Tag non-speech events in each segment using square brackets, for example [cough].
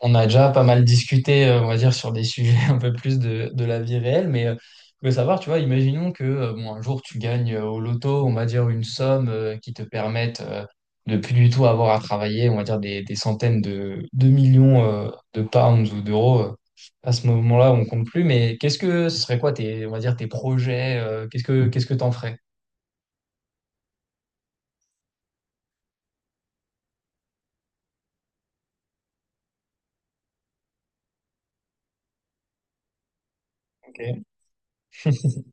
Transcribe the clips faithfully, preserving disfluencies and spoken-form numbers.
On a déjà pas mal discuté, euh, on va dire, sur des sujets [laughs] un peu plus de, de la vie réelle, mais euh, je veux savoir, tu vois. Imaginons que euh, bon, un jour tu gagnes euh, au loto, on va dire, une somme euh, qui te permette euh, de plus du tout avoir à travailler, on va dire, des, des centaines de, de millions euh, de pounds ou d'euros. Euh, à ce moment-là, on compte plus, mais qu'est-ce que ce serait quoi tes, on va dire, tes projets? Euh, qu'est-ce que qu'est-ce que t'en ferais? Ok. [laughs]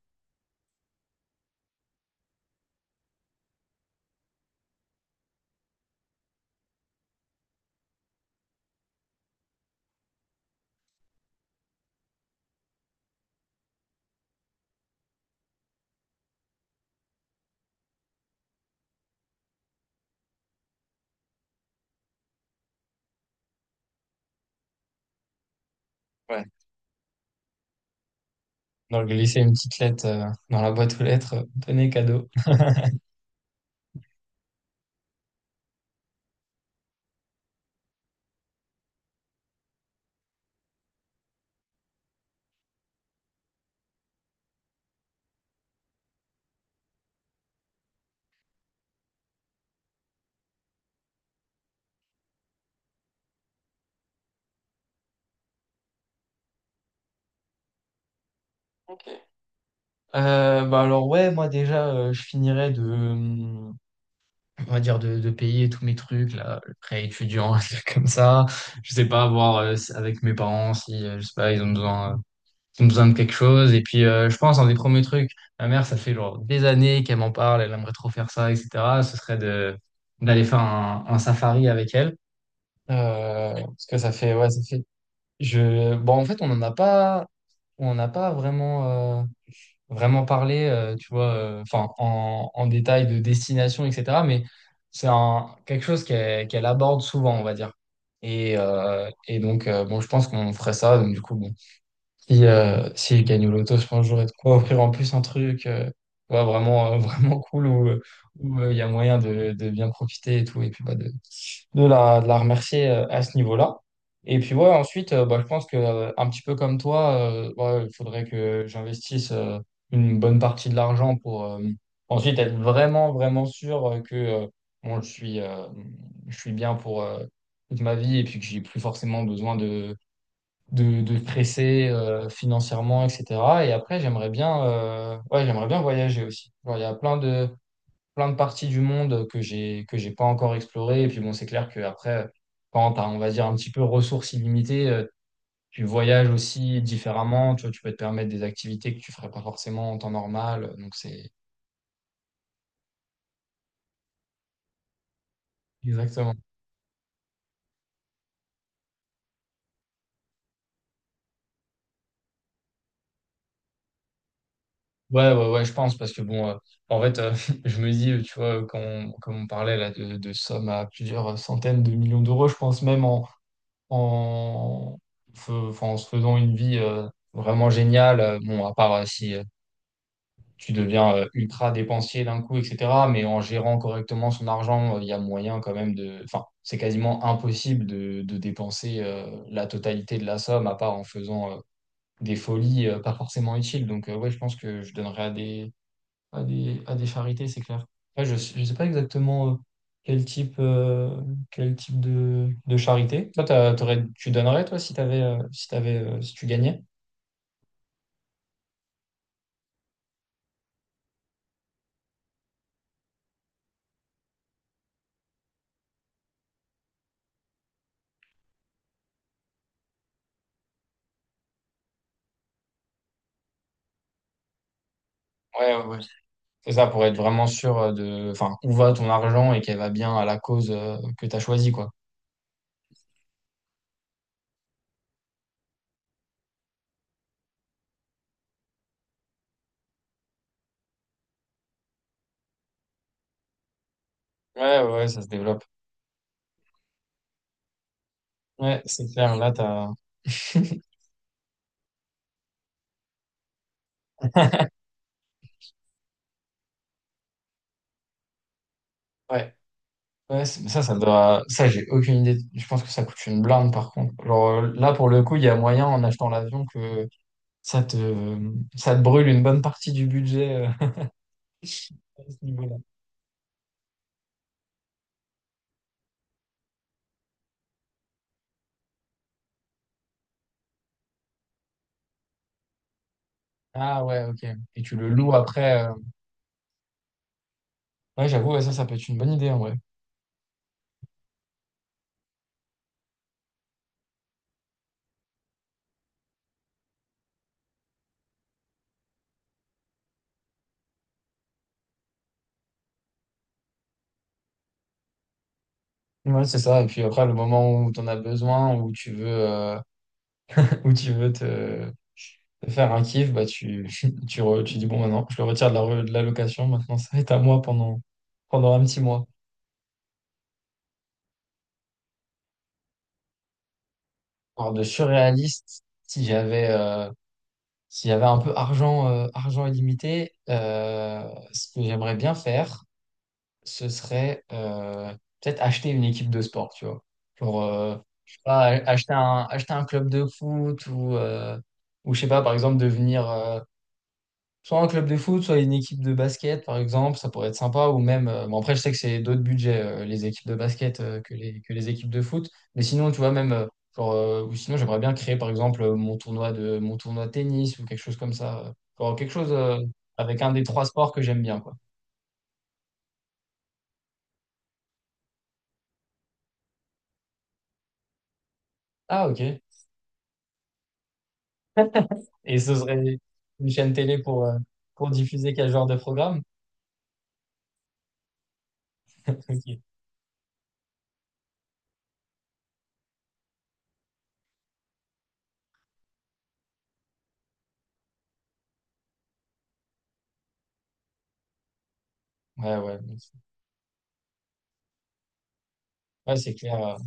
Ouais. Donc, laisser une petite lettre euh, dans la boîte aux lettres. Euh, tenez, cadeau. [laughs] Euh, bah, alors ouais, moi déjà, euh, je finirais de, hum, on va dire de, de payer tous mes trucs, là, le prêt étudiant, [laughs] un truc comme ça. Je sais pas, voir euh, si- avec mes parents si, euh, je sais pas, ils ont besoin, euh, ils ont besoin de quelque chose. Et puis, euh, je pense, un des premiers trucs, ma mère, ça fait genre des années qu'elle m'en parle, elle aimerait trop faire ça, et cetera. Ce serait de d'aller faire un, un safari avec elle. Euh, parce que ça fait, ouais, ça fait. Je, bon, en fait, on n'en a pas. On n'a pas vraiment, euh, vraiment parlé, euh, tu vois, euh, enfin, en, en détail de destination, et cetera. Mais c'est un, quelque chose qu'elle qu'elle aborde souvent, on va dire. Et, euh, et donc, euh, bon, je pense qu'on ferait ça. Donc, du coup, bon, si, euh, si je gagne au loto, je pense que j'aurais de quoi offrir en plus un truc euh, ouais, vraiment, euh, [laughs] vraiment cool, où, où euh, il y a moyen de, de bien profiter et tout. Et puis, bah, de, de la, de la remercier euh, à ce niveau-là. Et puis ouais, ensuite, euh, bah, je pense que euh, un petit peu comme toi, euh, ouais, il faudrait que j'investisse euh, une bonne partie de l'argent pour euh, ensuite être vraiment, vraiment sûr euh, que euh, bon, je suis, euh, je suis bien pour euh, toute ma vie, et puis que j'ai plus forcément besoin de, de, de stresser euh, financièrement, et cetera. Et après, j'aimerais bien, euh, ouais, j'aimerais bien voyager aussi. Genre, il y a plein de plein de parties du monde que j'ai que j'ai pas encore explorées. Et puis bon, c'est clair que après, quand t'as, on va dire, un petit peu ressources illimitées, euh, tu voyages aussi différemment. Tu vois, tu peux te permettre des activités que tu ferais pas forcément en temps normal. Donc c'est Exactement. Ouais, ouais, ouais, je pense, parce que bon, euh, en fait, euh, [laughs] je me dis, euh, tu vois, quand on, comme on parlait là de, de sommes à plusieurs centaines de millions d'euros, je pense même en, en, fe- enfin, en se faisant une vie euh, vraiment géniale. euh, Bon, à part euh, si euh, tu deviens euh, ultra dépensier d'un coup, et cetera. Mais en gérant correctement son argent, euh, il y a moyen quand même. De... Enfin, c'est quasiment impossible de, de dépenser euh, la totalité de la somme, à part en faisant euh, des folies euh, pas forcément utiles. Donc, euh, ouais, je pense que je donnerais à des, à des, à des charités, c'est clair. Ouais, je ne sais pas exactement euh, quel type, euh, quel type de, de charité. Toi, t'as- t'aurais- tu donnerais, toi, si t'avais, euh, si t'avais, euh, si tu gagnais? Ouais, ouais, ouais. C'est ça, pour être vraiment sûr euh, de, enfin, où va ton argent et qu'elle va bien à la cause euh, que tu as choisie, quoi. Ouais, ouais, ça se développe. Ouais, c'est clair, là, t'as. [laughs] Ouais, ouais, c'est- mais ça, ça doit. Ça, j'ai aucune idée. Je pense que ça coûte une blinde, par contre. Genre, euh, là, pour le coup, il y a moyen, en achetant l'avion, que ça te... ça te brûle une bonne partie du budget euh, [laughs] à ce niveau-là. Ah ouais, ok. Et tu le loues après. euh. Ouais, j'avoue, ouais, ça, ça peut être une bonne idée, en vrai. Ouais, c'est ça. Et puis après, le moment où tu en as besoin, où tu veux, euh, ou tu veux te, te faire un kiff, bah tu, [laughs] tu, re- tu dis bon, maintenant, je le retire de la, re- de la location, maintenant ça va être à moi pendant, pendant un petit mois. Alors de surréaliste, si j'avais euh, s'il y un peu argent, euh, argent illimité, euh, ce que j'aimerais bien faire, ce serait euh, peut-être acheter une équipe de sport, tu vois. Genre, euh, je sais pas, acheter un, acheter un club de foot, ou euh, ou je sais pas, par exemple, devenir, euh, soit un club de foot, soit une équipe de basket, par exemple, ça pourrait être sympa. Ou même, euh, bon, après, je sais que c'est d'autres budgets, euh, les équipes de basket, euh, que les, que les équipes de foot. Mais sinon, tu vois, même, euh, genre, euh, ou sinon, j'aimerais bien créer, par exemple, euh, mon tournoi de, mon tournoi de tennis, ou quelque chose comme ça. euh. Genre, quelque chose, euh, avec un des trois sports que j'aime bien, quoi. Ah, ok. Et ce serait une chaîne télé pour, euh, pour diffuser quel genre de programme? Ok. Ouais, ouais. Ouais, c'est clair. euh.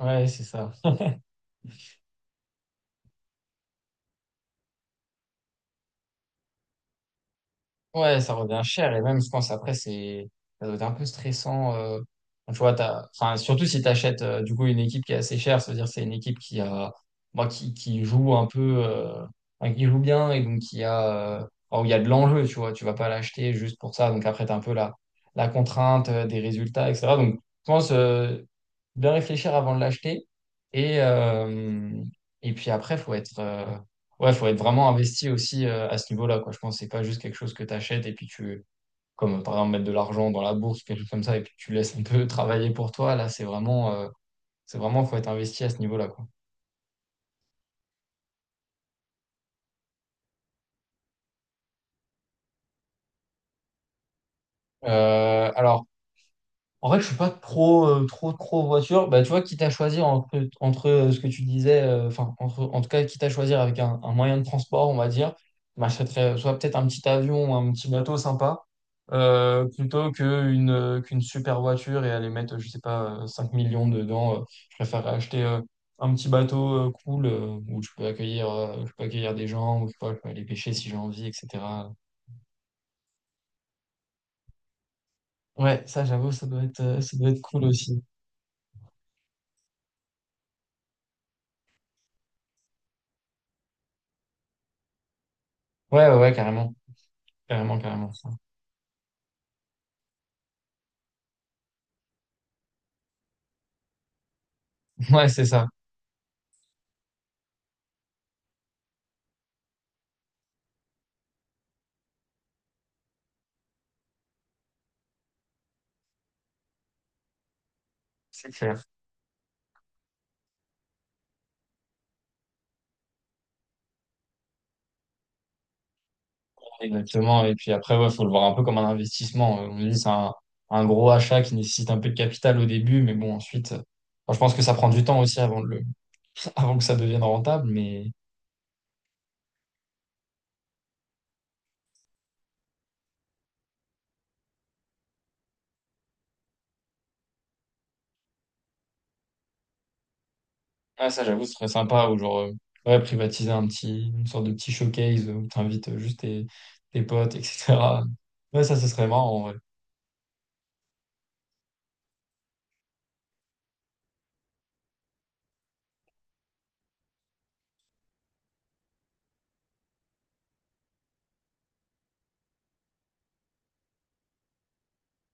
Ouais, c'est ça. Ouais, ça revient cher, et même je pense après c'est ça doit être un peu stressant, euh, quand tu vois t'as, enfin, surtout si tu achètes du coup une équipe qui est assez chère, ça veut dire que c'est une équipe qui a, moi, qui, qui joue un peu euh, enfin, qui joue bien, et donc qui a euh, enfin, où il y a de l'enjeu, tu vois. Tu vas pas l'acheter juste pour ça. Donc après tu as un peu la la contrainte euh, des résultats, et cetera. Donc je pense euh, bien réfléchir avant de l'acheter, et euh, et puis après faut être euh, ouais, faut être vraiment investi aussi euh, à ce niveau-là, quoi. Je pense que c'est pas juste quelque chose que tu achètes et puis tu, comme euh, par exemple, mettre de l'argent dans la bourse, quelque chose comme ça, et puis tu laisses un peu [laughs] travailler pour toi. Là, c'est vraiment, euh, c'est vraiment, faut être investi à ce niveau-là, quoi. Euh, alors, en fait, je suis pas trop, euh, trop, trop voiture. Bah, tu vois, quitte à choisir entre, entre euh, ce que tu disais, euh, enfin, entre, en tout cas, quitte à choisir avec un, un moyen de transport, on va dire, bah, je m'achèterais soit peut-être un petit avion, ou un petit bateau sympa, euh, plutôt qu'une euh, qu'une super voiture, et aller mettre, je sais pas, euh, cinq millions dedans. Euh, je préfère acheter euh, un petit bateau euh, cool, euh, où je peux accueillir, euh, je peux accueillir des gens, où, je sais pas, je peux aller pêcher si j'ai envie, et cetera. Ouais, ça, j'avoue, ça doit être, euh, ça doit être cool aussi. Ouais, ouais, ouais, carrément. Carrément, carrément. Ouais, c'est ça, c'est clair. Exactement. Et puis après, ouais, faut le voir un peu comme un investissement. Euh, On dit, c'est un, un gros achat qui nécessite un peu de capital au début, mais bon, ensuite, euh, enfin, je pense que ça prend du temps aussi avant de le, [laughs] avant que ça devienne rentable. Mais ouais, ça, j'avoue, ce serait sympa, ou genre, euh, ouais, privatiser un petit, une sorte de petit showcase où t'invites euh, juste tes, tes potes, et cetera. Ouais, ça, ce serait marrant, en vrai.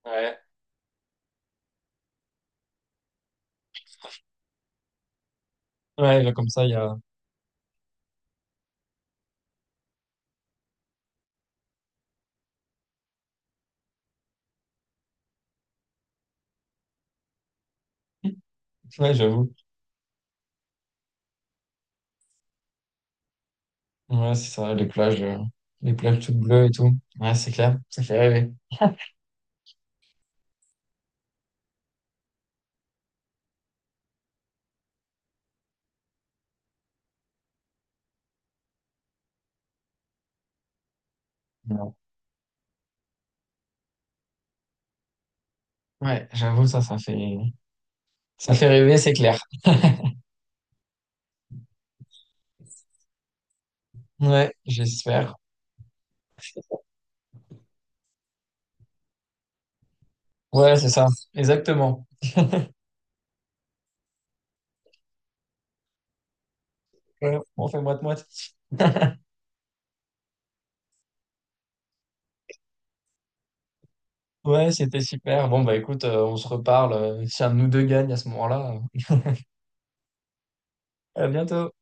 Ouais. Ouais, là, comme ça, il y a, [laughs] ouais, j'avoue. Ouais, c'est ça, les plages, euh, les plages toutes bleues et tout. Ouais, c'est clair, c'est clair, ouais. Ouais, j'avoue, ça, ça fait, ça fait rêver, c'est clair. Ouais, j'espère. Ouais, c'est ça, exactement. Ouais, bon, on fait moite-moite. Ouais, c'était super. Bon, bah écoute, euh, on se reparle euh, si un de nous deux gagne à ce moment-là. Euh. à bientôt.